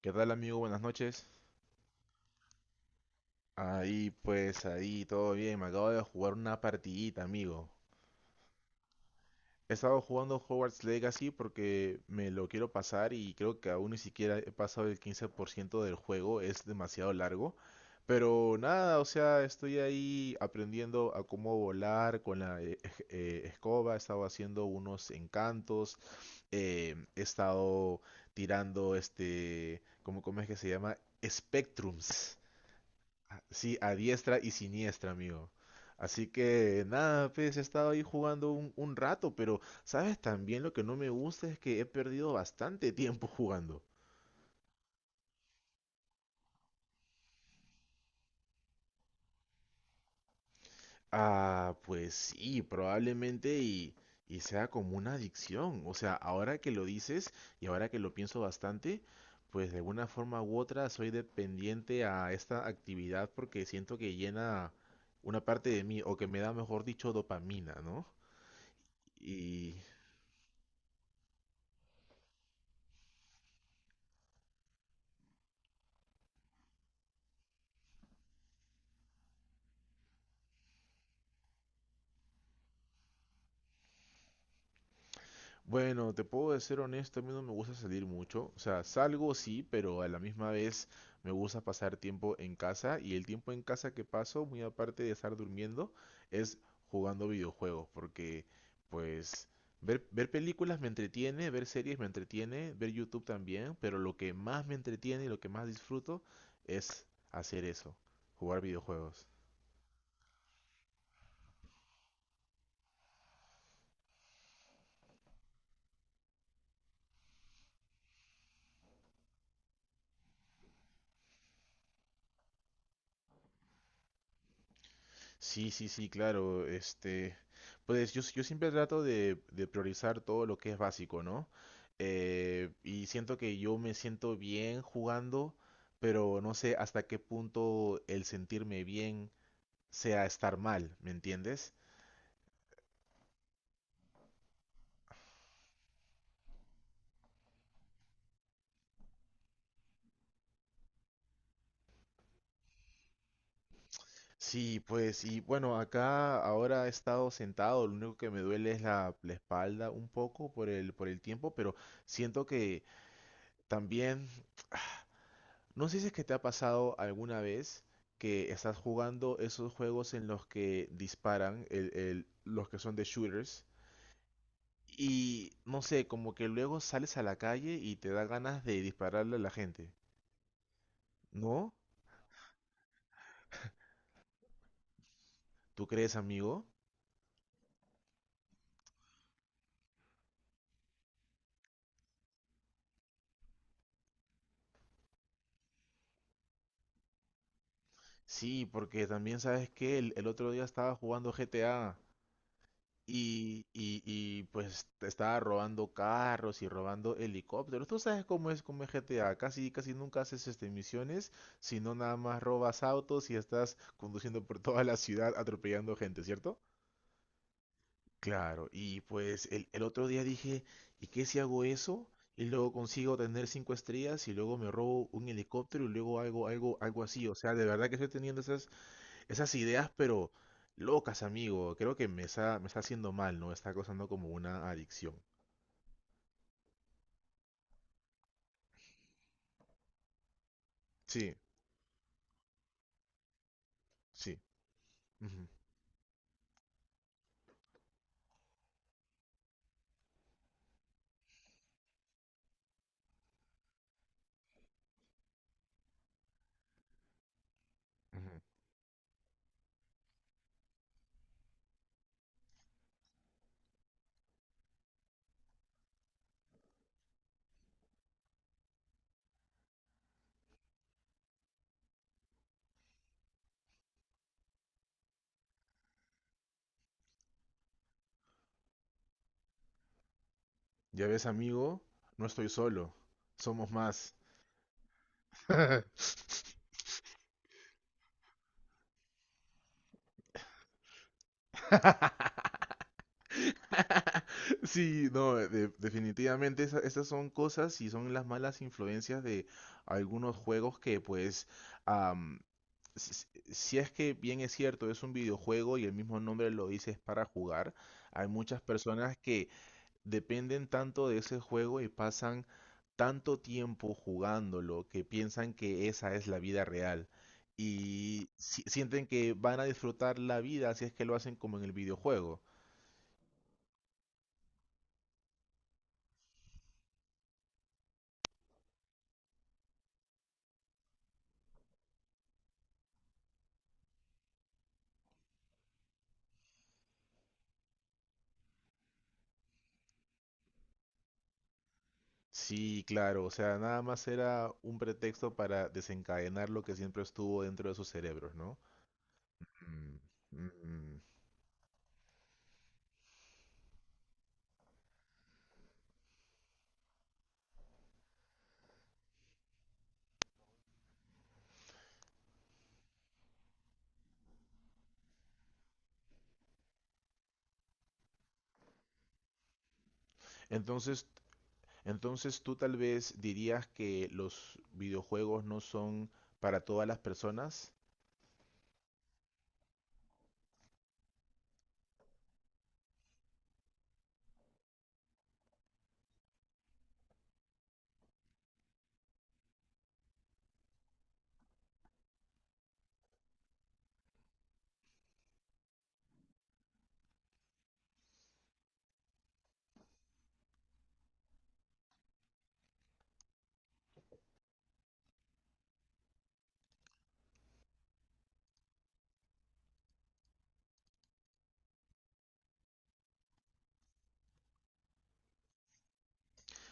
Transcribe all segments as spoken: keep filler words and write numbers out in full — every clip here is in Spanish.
¿Qué tal amigo? Buenas noches. Ahí pues, ahí todo bien. Me acabo de jugar una partidita, amigo. He estado jugando Hogwarts Legacy porque me lo quiero pasar y creo que aún ni siquiera he pasado el quince por ciento del juego. Es demasiado largo. Pero nada, o sea, estoy ahí aprendiendo a cómo volar con la eh, ej- eh, escoba. He estado haciendo unos encantos. Eh, he estado tirando este, ¿cómo, cómo es que se llama? Spectrums. Ah, sí, a diestra y siniestra, amigo. Así que nada, pues he estado ahí jugando un, un rato, pero sabes también lo que no me gusta es que he perdido bastante tiempo jugando. Ah, pues sí, probablemente y, y sea como una adicción. O sea, ahora que lo dices y ahora que lo pienso bastante, pues de alguna forma u otra soy dependiente a esta actividad porque siento que llena una parte de mí o que me da, mejor dicho, dopamina, ¿no? Y bueno, te puedo ser honesto, a mí no me gusta salir mucho. O sea, salgo sí, pero a la misma vez me gusta pasar tiempo en casa. Y el tiempo en casa que paso, muy aparte de estar durmiendo, es jugando videojuegos. Porque, pues, ver, ver películas me entretiene, ver series me entretiene, ver YouTube también. Pero lo que más me entretiene y lo que más disfruto es hacer eso, jugar videojuegos. Sí, sí, sí, claro. Este, pues yo, yo siempre trato de, de priorizar todo lo que es básico, ¿no? Eh, y siento que yo me siento bien jugando, pero no sé hasta qué punto el sentirme bien sea estar mal, ¿me entiendes? Sí, pues, y bueno, acá ahora he estado sentado, lo único que me duele es la, la espalda un poco por el, por el tiempo, pero siento que también no sé si es que te ha pasado alguna vez que estás jugando esos juegos en los que disparan, el- el- los que son de shooters, y no sé, como que luego sales a la calle y te da ganas de dispararle a la gente. ¿No? ¿Tú crees, amigo? Sí, porque también sabes que el, el otro día estaba jugando G T A. Y, y, y, pues te estaba robando carros y robando helicópteros. Tú sabes cómo es como G T A. Casi, casi nunca haces este, misiones, sino nada más robas autos y estás conduciendo por toda la ciudad atropellando gente, ¿cierto? Claro, y pues el, el otro día dije, ¿y qué si hago eso? Y luego consigo tener cinco estrellas y luego me robo un helicóptero y luego algo, algo, algo así. O sea, de verdad que estoy teniendo esas, esas ideas, pero locas, amigo. Creo que me está, me está haciendo mal, ¿no? Está causando como una adicción. Sí, sí. Ujú, ujú. Ya ves, amigo, no estoy solo. Somos más. Sí, no, eh, de- definitivamente esa- esas son cosas y son las malas influencias de algunos juegos que pues, am, si, si es que bien es cierto, es un videojuego y el mismo nombre lo dice es para jugar, hay muchas personas que dependen tanto de ese juego y pasan tanto tiempo jugándolo que piensan que esa es la vida real. Y si- sienten que van a disfrutar la vida si es que lo hacen como en el videojuego. Sí, claro, o sea, nada más era un pretexto para desencadenar lo que siempre estuvo dentro de sus cerebros, ¿no? Mm, mm. Entonces, entonces tú tal vez dirías que los videojuegos no son para todas las personas.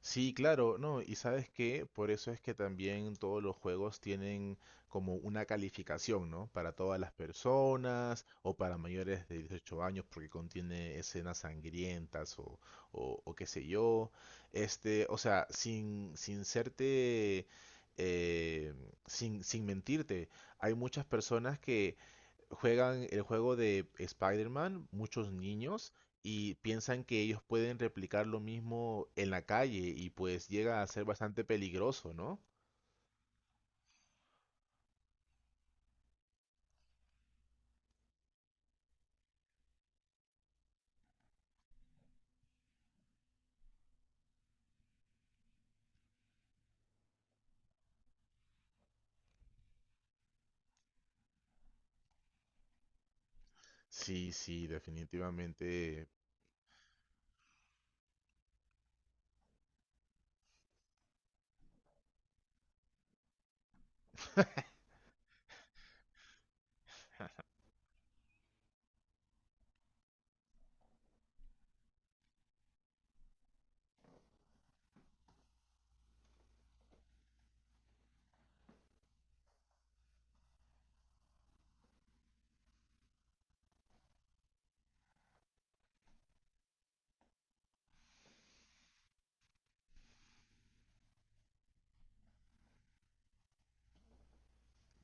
Sí, claro, no, y sabes que por eso es que también todos los juegos tienen como una calificación, ¿no? Para todas las personas o para mayores de dieciocho años porque contiene escenas sangrientas o, o, o qué sé yo. Este, o sea, sin, sin serte, eh, sin, sin mentirte, hay muchas personas que juegan el juego de Spider-Man, muchos niños, y piensan que ellos pueden replicar lo mismo en la calle y pues llega a ser bastante peligroso, ¿no? Sí, sí, definitivamente.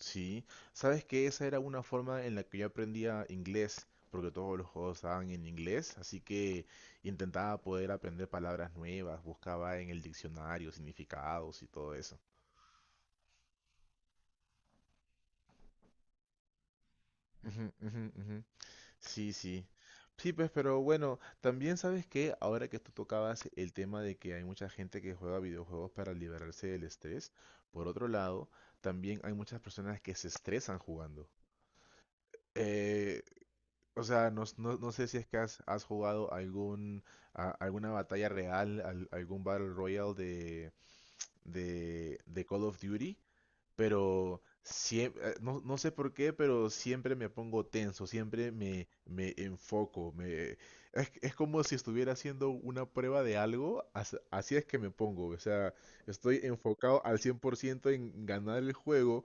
Sí. ¿Sabes que esa era una forma en la que yo aprendía inglés, porque todos los juegos estaban en inglés, así que intentaba poder aprender palabras nuevas, buscaba en el diccionario significados y todo eso. Ujú, ujú, ujú. Sí, sí. Sí, pues, pero bueno, también sabes que ahora que tú tocabas el tema de que hay mucha gente que juega videojuegos para liberarse del estrés, por otro lado, también hay muchas personas que se estresan jugando. Eh, o sea, no, s- no- no sé si es que has, has jugado algún, a- alguna batalla real, al- algún Battle Royale de, de, de Call of Duty, pero siempre, no, no sé por qué, pero siempre me pongo tenso, siempre me, me enfoco, me, es, es como si estuviera haciendo una prueba de algo, as- así es que me pongo, o sea, estoy enfocado al cien por ciento en ganar el juego,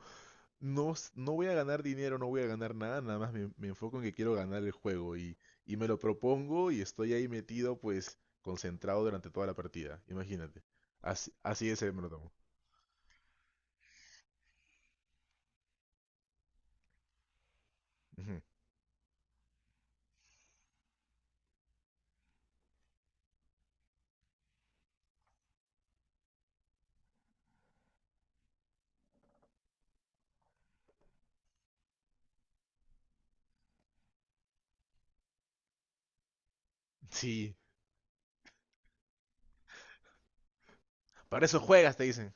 no, s- no voy a ganar dinero, no voy a ganar nada, nada más me, me enfoco en que quiero ganar el juego y, y me lo propongo y estoy ahí metido, pues, concentrado durante toda la partida, imagínate. Así, así es, me lo tomo. Ujú. Sí. Para eso juegas, te dicen.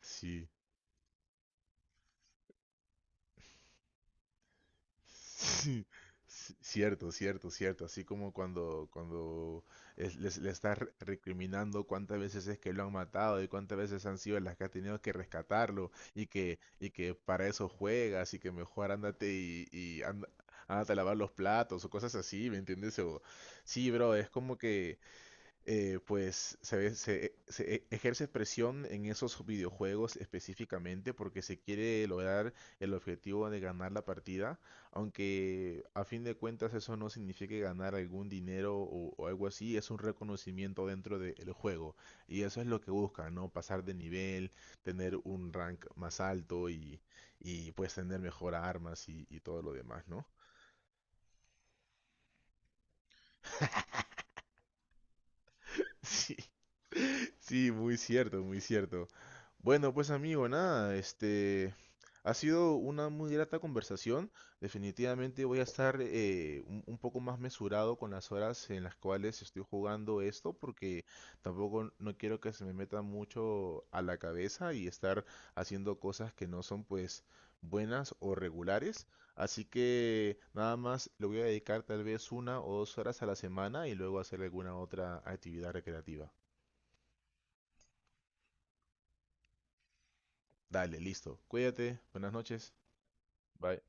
Sí. Sí. C- Cierto, cierto, cierto. Así como cuando, cuando es- les- le estás re- recriminando cuántas veces es que lo han matado y cuántas veces han sido las que has tenido que rescatarlo y que, y que para eso juegas y que mejor ándate y, y anda- ándate a lavar los platos o cosas así, ¿me entiendes? O, sí, bro, es como que eh, pues se, ve- se- eh, se e- ejerce presión en esos videojuegos específicamente porque se quiere lograr el objetivo de ganar la partida, aunque a fin de cuentas eso no signifique ganar algún dinero o, o algo así, es un reconocimiento dentro del juego y eso es lo que buscan, ¿no? Pasar de nivel, tener un rank más alto y, y pues tener mejor armas y, y todo lo demás, ¿no? Sí, sí, muy cierto, muy cierto. Bueno, pues amigo, nada, este ha sido una muy grata conversación. Definitivamente voy a estar eh, un, un poco más mesurado con las horas en las cuales estoy jugando esto, porque tampoco no quiero que se me meta mucho a la cabeza y estar haciendo cosas que no son pues buenas o regulares. Así que nada más le voy a dedicar tal vez una o dos horas a la semana y luego hacer alguna otra actividad recreativa. Dale, listo. Cuídate. Buenas noches. Bye.